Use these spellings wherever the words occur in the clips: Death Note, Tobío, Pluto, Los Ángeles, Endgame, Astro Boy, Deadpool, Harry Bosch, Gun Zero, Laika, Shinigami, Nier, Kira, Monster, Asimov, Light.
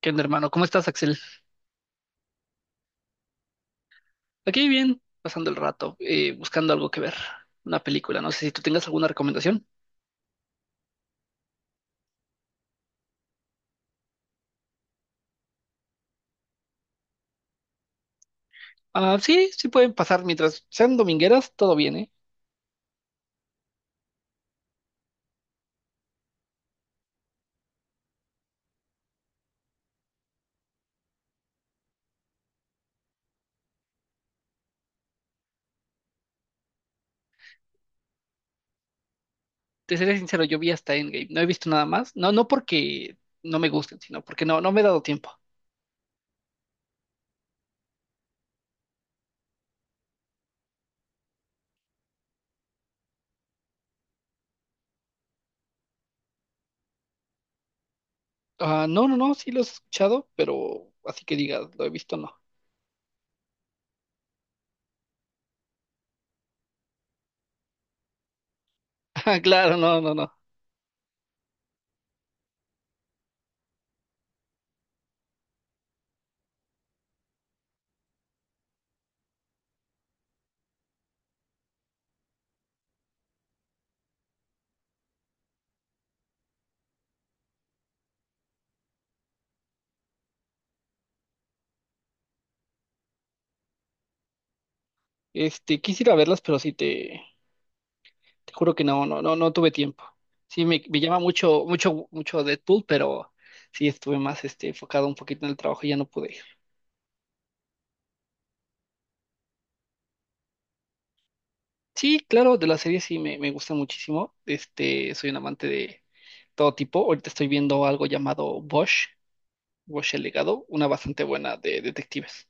¿Qué onda, hermano? ¿Cómo estás, Axel? Aquí bien, pasando el rato, buscando algo que ver, una película. No sé si tú tengas alguna recomendación. Ah, sí, sí pueden pasar mientras sean domingueras, todo bien, ¿eh? Te seré sincero, yo vi hasta Endgame, no he visto nada más. No, no porque no me gusten, sino porque no me he dado tiempo. Ah, no, no, no, sí los he escuchado, pero así que digas, lo he visto, no. Ah, claro, no, no, no. Quisiera verlas, pero sí te juro que no, no, no, no tuve tiempo. Sí, me llama mucho, mucho, mucho Deadpool, pero sí estuve más enfocado un poquito en el trabajo y ya no pude ir. Sí, claro, de las series sí me gusta muchísimo. Soy un amante de todo tipo. Ahorita estoy viendo algo llamado Bosch, Bosch el legado, una bastante buena de detectives.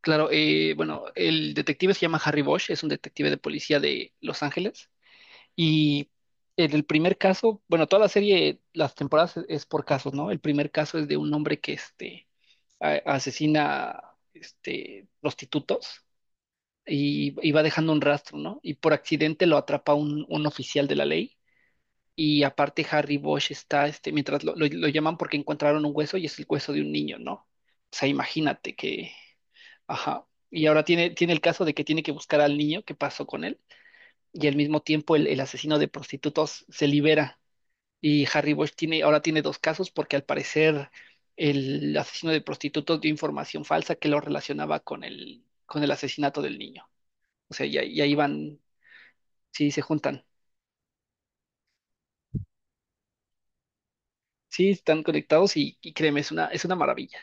Claro, bueno, el detective se llama Harry Bosch, es un detective de policía de Los Ángeles, y en el primer caso, bueno, toda la serie, las temporadas es por casos, ¿no? El primer caso es de un hombre que asesina prostitutos y va dejando un rastro, ¿no? Y por accidente lo atrapa un oficial de la ley. Y aparte Harry Bosch está, este, mientras lo llaman porque encontraron un hueso y es el hueso de un niño, ¿no? O sea, imagínate que, ajá. Y ahora tiene el caso de que tiene que buscar al niño, qué pasó con él y al mismo tiempo el asesino de prostitutos se libera y Harry Bosch tiene, ahora tiene dos casos porque al parecer el asesino de prostitutos dio información falsa que lo relacionaba con con el asesinato del niño. O sea, ya, ya iban, sí, se juntan. Sí, están conectados y créeme, es una maravilla.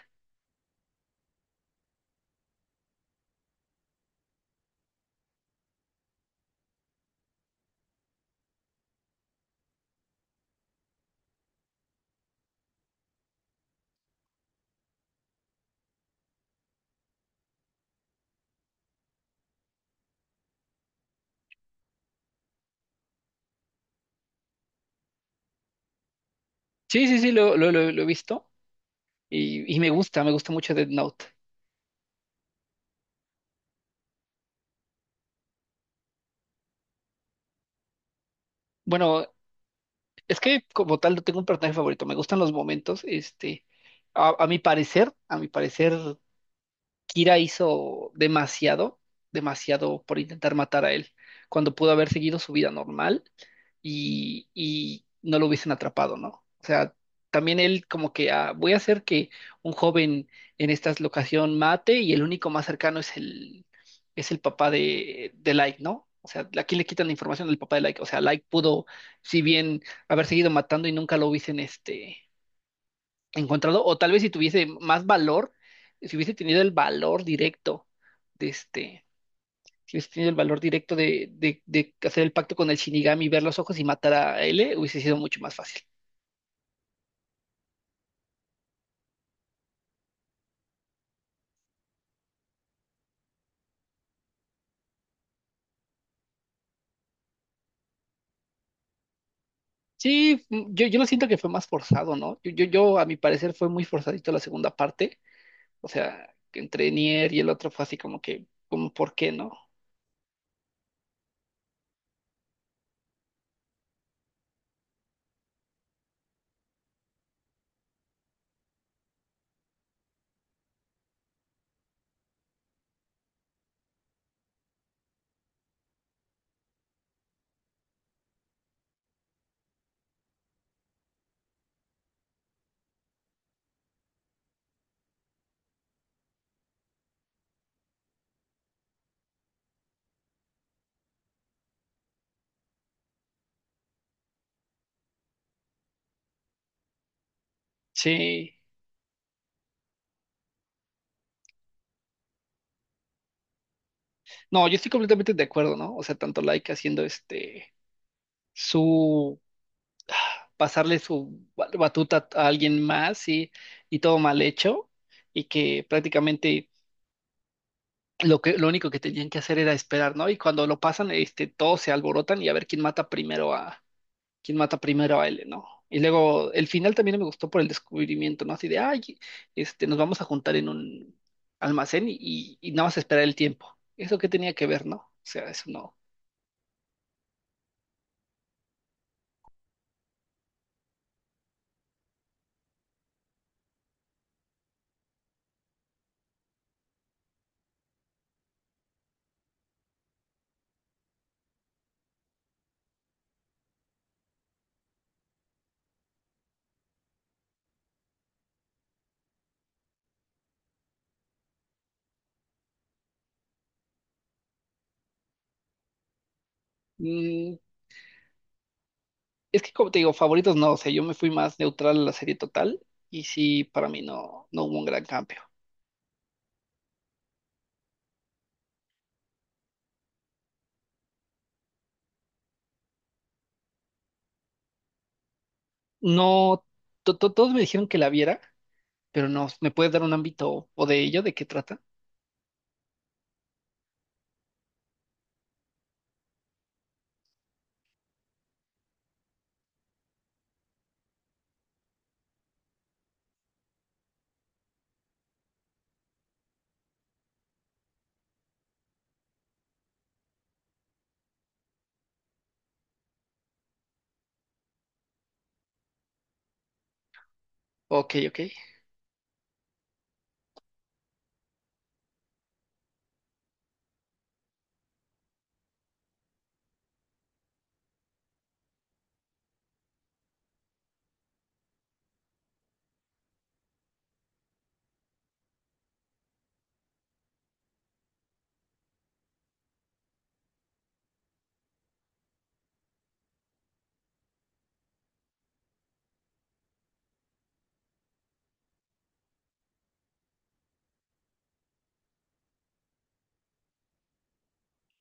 Sí, sí, sí, lo he visto y me gusta mucho Death Note. Bueno, es que como tal no tengo un personaje favorito, me gustan los momentos, a mi parecer Kira hizo demasiado, demasiado por intentar matar a él, cuando pudo haber seguido su vida normal y no lo hubiesen atrapado, ¿no? O sea, también él como que ah, voy a hacer que un joven en esta locación mate y el único más cercano es es el papá de Light, ¿no? O sea, ¿a quién le quitan la información del papá de Light? O sea, Light pudo, si bien haber seguido matando y nunca lo hubiesen encontrado, o tal vez si tuviese más valor, si hubiese tenido el valor directo de si hubiese tenido el valor directo de hacer el pacto con el Shinigami, ver los ojos y matar a L, hubiese sido mucho más fácil. Sí, mm, yo lo siento que fue más forzado, ¿no? Yo, a mi parecer, fue muy forzadito la segunda parte. O sea, que entre Nier y el otro fue así como que, como, ¿por qué no? Sí. No, yo estoy completamente de acuerdo, ¿no? O sea, tanto Laika haciendo su pasarle su batuta a alguien más y todo mal hecho y que prácticamente lo único que tenían que hacer era esperar, ¿no? Y cuando lo pasan, todos se alborotan y a ver quién mata primero a, quién mata primero a él, ¿no? Y luego el final también me gustó por el descubrimiento, ¿no? Así de, ay, nos vamos a juntar en un almacén y nada más esperar el tiempo. ¿Eso qué tenía que ver, no? O sea, eso no. Mm, es que como te digo, favoritos no, o sea, yo me fui más neutral a la serie total y sí, para mí no, no hubo un gran cambio. No, todos me dijeron que la viera, pero no, ¿me puedes dar un ámbito o de ello, de qué trata? Ok, ok.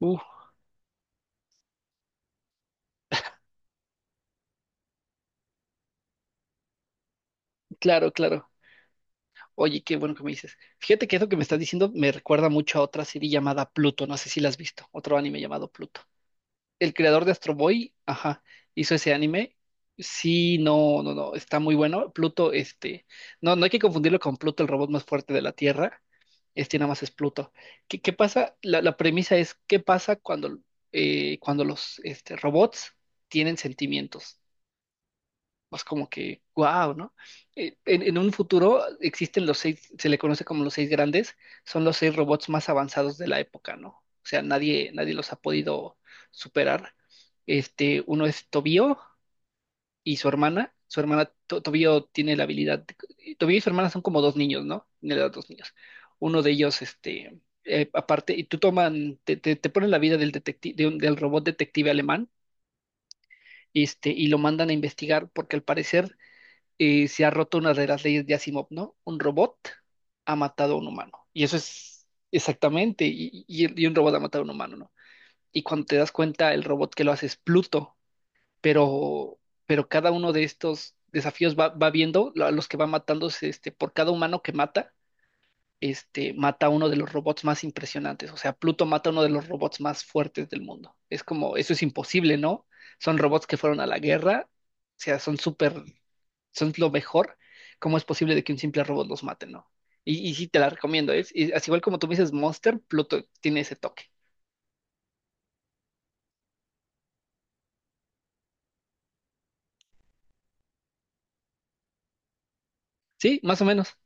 Uh, claro, claro. Oye, qué bueno que me dices. Fíjate que eso que me estás diciendo me recuerda mucho a otra serie llamada Pluto, no sé si la has visto, otro anime llamado Pluto. El creador de Astro Boy, ajá, hizo ese anime. Sí, no, no, no, está muy bueno. Pluto, no, no hay que confundirlo con Pluto, el robot más fuerte de la Tierra. Este nada más es Pluto. ¿Qué, qué pasa? La premisa es, ¿qué pasa cuando, cuando los robots tienen sentimientos? Pues como que, wow, ¿no? En un futuro existen los seis, se le conoce como los seis grandes, son los seis robots más avanzados de la época, ¿no? O sea, nadie, nadie los ha podido superar. Uno es Tobío y su hermana. Su hermana, Tobío tiene la habilidad, Tobío y su hermana son como dos niños, ¿no? Tiene los dos niños. Uno de ellos, aparte, y tú toman, te ponen la vida del detective, del robot detective alemán, y lo mandan a investigar porque al parecer se ha roto una de las leyes de Asimov, ¿no? Un robot ha matado a un humano. Y eso es exactamente, y un robot ha matado a un humano, ¿no? Y cuando te das cuenta, el robot que lo hace es Pluto, pero, pero cada uno de estos desafíos va, va viendo a los que va matándose, por cada humano que mata, mata a uno de los robots más impresionantes. O sea, Pluto mata a uno de los robots más fuertes del mundo. Es como, eso es imposible, ¿no? Son robots que fueron a la guerra, o sea, son súper, son lo mejor. ¿Cómo es posible de que un simple robot los mate, no? Y sí, te la recomiendo. Es, y así igual como tú me dices Monster, Pluto tiene ese toque. ¿Sí? Más o menos.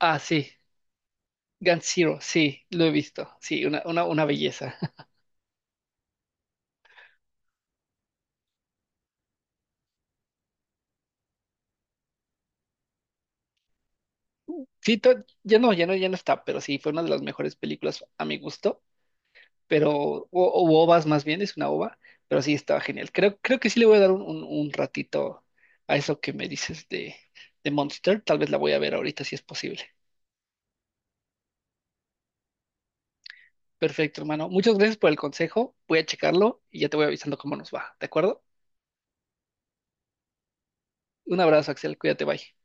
Ah, sí. Gun Zero, sí, lo he visto. Sí, una belleza. Sí, ya no, ya no, ya no está, pero sí, fue una de las mejores películas a mi gusto. Pero, o ovas más bien, es una ova, pero sí estaba genial. Creo, creo que sí le voy a dar un, un ratito a eso que me dices de Monster, tal vez la voy a ver ahorita si es posible. Perfecto, hermano. Muchas gracias por el consejo, voy a checarlo y ya te voy avisando cómo nos va, ¿de acuerdo? Un abrazo, Axel, cuídate, bye.